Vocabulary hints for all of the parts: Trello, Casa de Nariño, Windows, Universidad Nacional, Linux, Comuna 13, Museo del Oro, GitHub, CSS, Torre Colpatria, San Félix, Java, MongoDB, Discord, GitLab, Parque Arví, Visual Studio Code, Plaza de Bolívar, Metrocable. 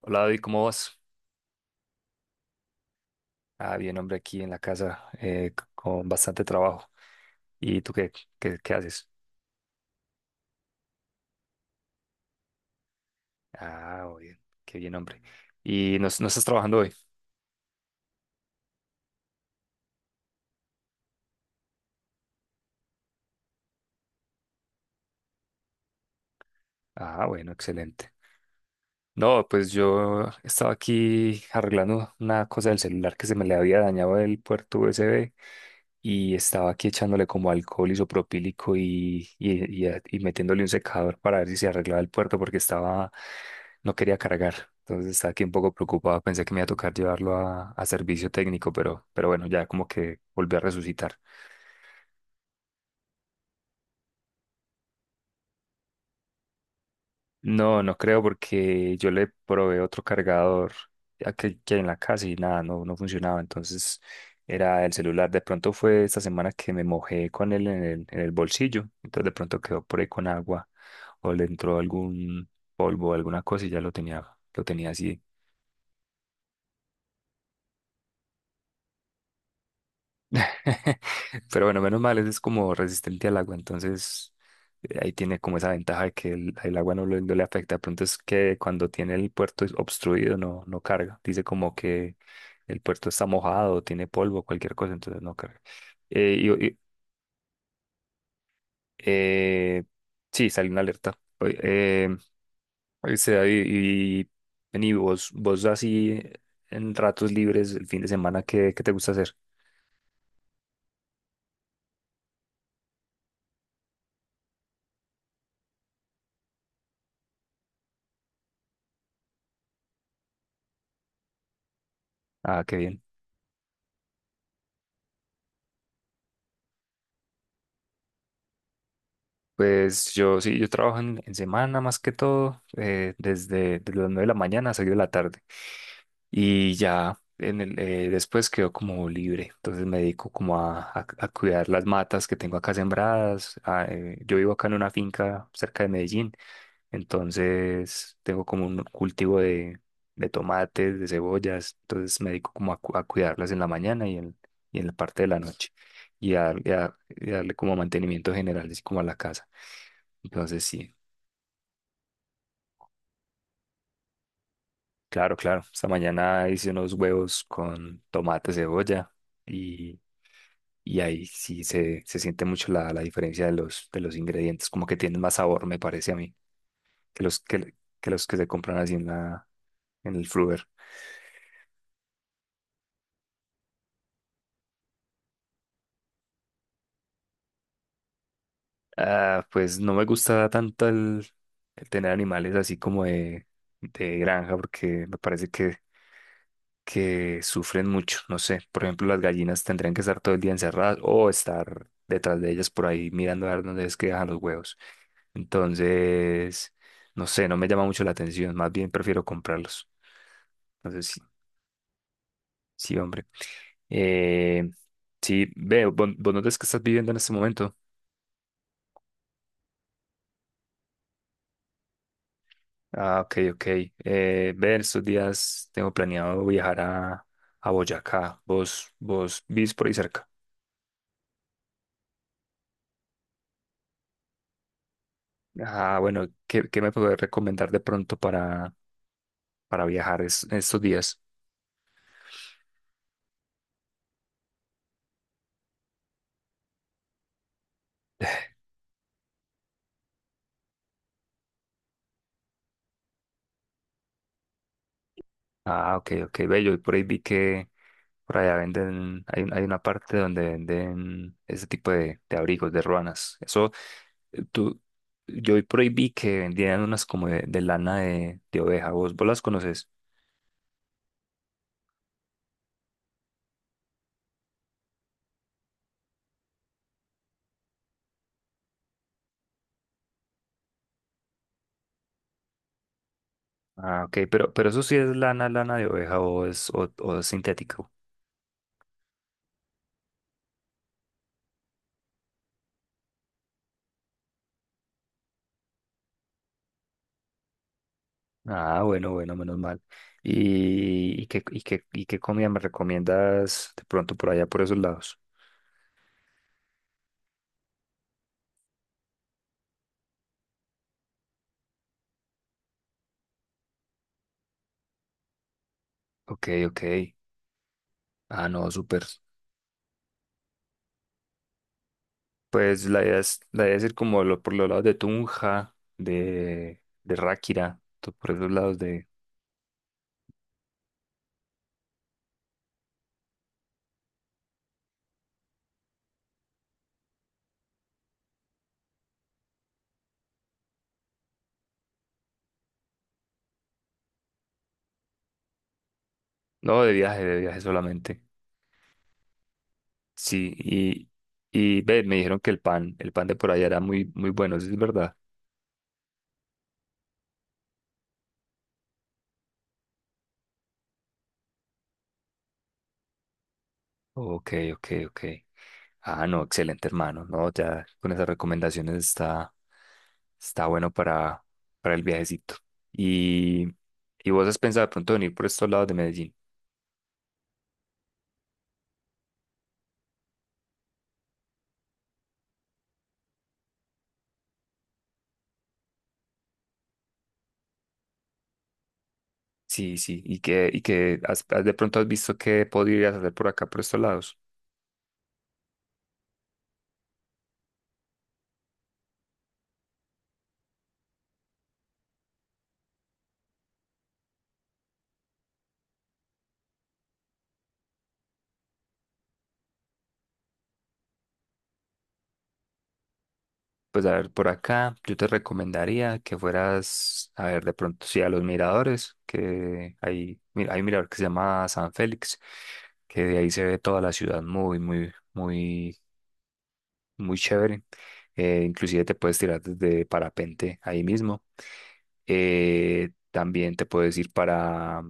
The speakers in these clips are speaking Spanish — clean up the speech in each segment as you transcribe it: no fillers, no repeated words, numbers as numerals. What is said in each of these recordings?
Hola David, ¿cómo vas? Ah, bien, hombre, aquí en la casa con bastante trabajo. ¿Y tú qué haces? Ah, muy bien, qué bien, hombre. ¿Y no, no estás trabajando hoy? Ah, bueno, excelente. No, pues yo estaba aquí arreglando una cosa del celular que se me le había dañado el puerto USB y estaba aquí echándole como alcohol isopropílico y metiéndole un secador para ver si se arreglaba el puerto porque estaba, no quería cargar. Entonces estaba aquí un poco preocupado, pensé que me iba a tocar llevarlo a servicio técnico, pero bueno, ya como que volví a resucitar. No, no creo porque yo le probé otro cargador a que hay en la casa y nada, no, no funcionaba. Entonces era el celular. De pronto fue esta semana que me mojé con él en el bolsillo. Entonces de pronto quedó por ahí con agua o le entró algún polvo, alguna cosa y ya lo tenía así. Pero bueno, menos mal, ese es como resistente al agua, entonces ahí tiene como esa ventaja de que el agua no, le no le afecta. De pronto es que cuando tiene el puerto obstruido no, no carga. Dice como que el puerto está mojado, tiene polvo, cualquier cosa, entonces no carga. Eh, y- y- eh, sí, salió una alerta. Oye, oíste, David, y, vení, vos así en ratos libres el fin de semana, qué te gusta hacer? Ah, qué bien. Pues yo sí, yo trabajo en semana más que todo, desde las 9 de la mañana a 6 de la tarde. Y ya después quedo como libre. Entonces me dedico como a cuidar las matas que tengo acá sembradas. Yo vivo acá en una finca cerca de Medellín. Entonces tengo como un cultivo de tomates, de cebollas. Entonces me dedico como a cuidarlas en la mañana y en la parte de la noche. Y darle como mantenimiento general, así como a la casa. Entonces sí, claro, claro. Esta mañana hice unos huevos con tomate, cebolla y, y ahí sí se siente mucho la diferencia de de los ingredientes, como que tienen más sabor, me parece a mí, que que los que se compran así en en el Fruver. Ah, pues no me gusta tanto el tener animales así como de granja, porque me parece que sufren mucho. No sé, por ejemplo, las gallinas tendrían que estar todo el día encerradas o estar detrás de ellas por ahí mirando a ver dónde es que dejan los huevos. Entonces, no sé, no me llama mucho la atención. Más bien prefiero comprarlos. Entonces, sí, sí, hombre. Eh, sí, veo, ¿vos dónde es que estás viviendo en este momento? Ah, ok, ok. Ve, en estos días tengo planeado viajar a Boyacá. ¿Vos vivís por ahí cerca? Ah, bueno, qué me podés recomendar de pronto para viajar estos días? Ah, ok, ok, bello. Y por ahí vi que por allá venden, hay, hay una parte donde venden ese tipo de abrigos, de ruanas. Eh, tú, yo hoy por ahí vi que vendían unas como de lana de oveja. Vos las conoces? Ah, ok, pero eso sí es lana, lana de oveja o es, o es sintético. Ah, bueno, bueno, menos mal. ¿Y qué comida me recomiendas de pronto por allá, por esos lados? Ok, ok. Ah, no, súper. Pues la idea es ir como por los lados de Tunja, de Ráquira, por esos lados de... No, de viaje solamente. Sí, y ve, me dijeron que el pan de por allá era muy, muy bueno, ¿eso es verdad? Ok, ok, ok. Ah, no, excelente, hermano. No, ya con esas recomendaciones está, está bueno para el viajecito. Y, y vos has pensado de pronto venir por estos lados de Medellín. Sí, sí, y que de pronto has visto qué podrías hacer por acá, por estos lados. Pues a ver, por acá yo te recomendaría que fueras, a ver, de pronto sí a los miradores, que hay, mira, hay un mirador que se llama San Félix, que de ahí se ve toda la ciudad muy, muy, muy muy chévere. Inclusive te puedes tirar desde parapente ahí mismo. También te puedes ir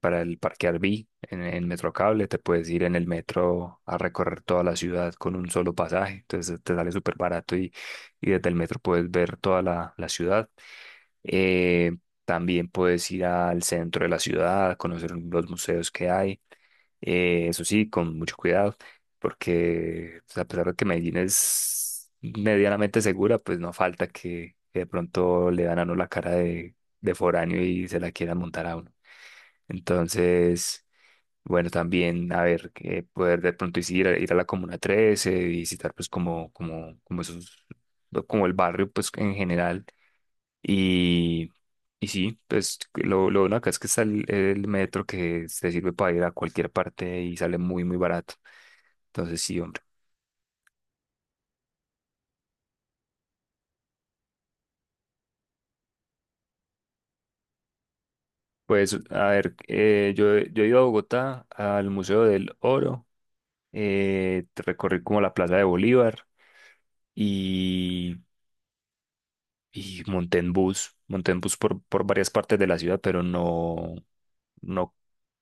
para el Parque Arví en Metrocable, te puedes ir en el metro a recorrer toda la ciudad con un solo pasaje, entonces te sale súper barato y desde el metro puedes ver toda la ciudad. Eh, también puedes ir al centro de la ciudad, conocer los museos que hay. Eso sí, con mucho cuidado, porque pues, a pesar de que Medellín es medianamente segura, pues no falta que de pronto le dan a uno la cara de foráneo y se la quieran montar a uno. Entonces, bueno, también, a ver, que poder de pronto sí ir a la Comuna 13, visitar pues como esos, como el barrio pues en general y, y sí, pues lo bueno acá es que está el metro que se sirve para ir a cualquier parte y sale muy, muy barato. Entonces sí, hombre. Pues a ver, yo he ido a Bogotá al Museo del Oro, recorrí como la Plaza de Bolívar y y monté en bus por varias partes de la ciudad, pero no, no,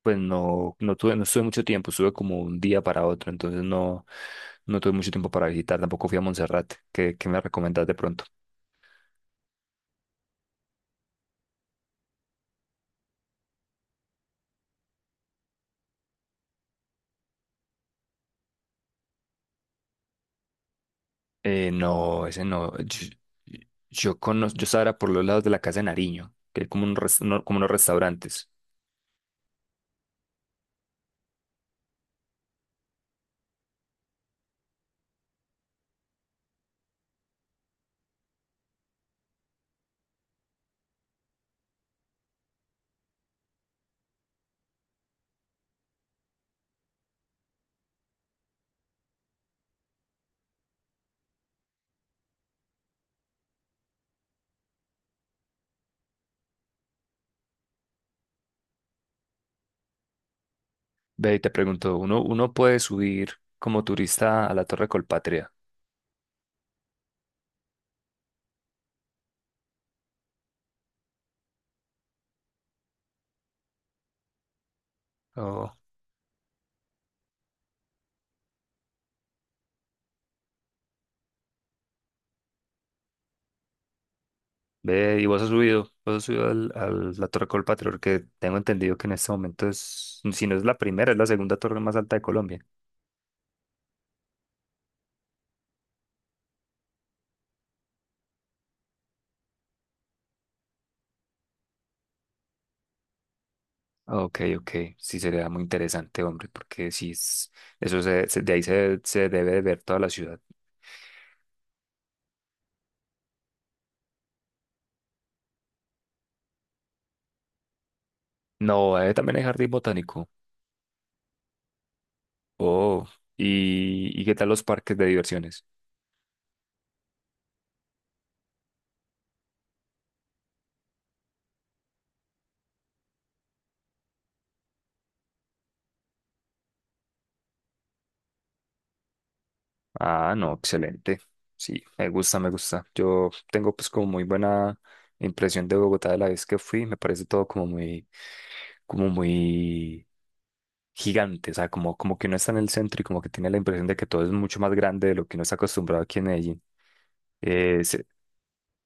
pues no, no tuve, no estuve mucho tiempo, estuve como un día para otro, entonces no, no tuve mucho tiempo para visitar, tampoco fui a Montserrat, qué me recomendás de pronto? No, ese no, yo conozco, yo estaba era por los lados de la casa de Nariño, que hay como, como unos restaurantes. Ve y te pregunto, uno puede subir como turista a la Torre Colpatria? Oh, ve, y vos has subido la Torre Colpatrio, que tengo entendido que en este momento es, si no es la primera, es la segunda torre más alta de Colombia. Ok, ok, sí sería muy interesante, hombre, porque sí, de ahí se debe de ver toda la ciudad. No, también hay jardín botánico. Oh, y qué tal los parques de diversiones? Ah, no, excelente. Sí, me gusta, me gusta. Yo tengo pues como muy buena impresión de Bogotá de la vez que fui. Me parece todo como muy gigante. O sea, como que uno está en el centro y como que tiene la impresión de que todo es mucho más grande de lo que uno está acostumbrado aquí en Medellín.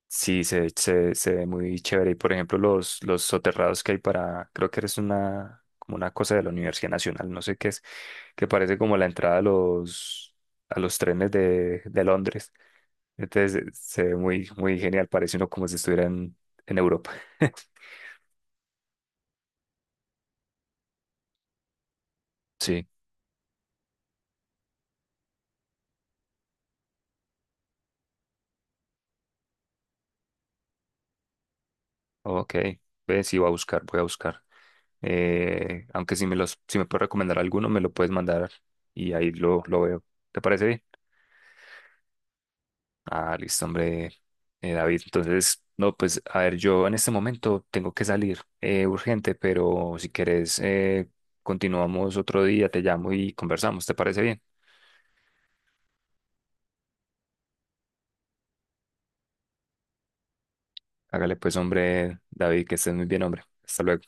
Sí, se ve muy chévere. Y por ejemplo, los soterrados que hay para, creo que es una, como una cosa de la Universidad Nacional, no sé qué es, que parece como la entrada a los trenes de Londres. Entonces se ve muy, muy genial, parece uno como si estuviera en Europa. Sí, ok. Ve, sí, voy a buscar, voy a buscar. Aunque si me puedes recomendar alguno, me lo puedes mandar y ahí lo veo. ¿Te parece bien? Ah, listo, hombre, David. Entonces, no, pues, a ver, yo en este momento tengo que salir urgente, pero si quieres, continuamos otro día, te llamo y conversamos, ¿te parece bien? Hágale pues, hombre, David, que estés muy bien, hombre. Hasta luego.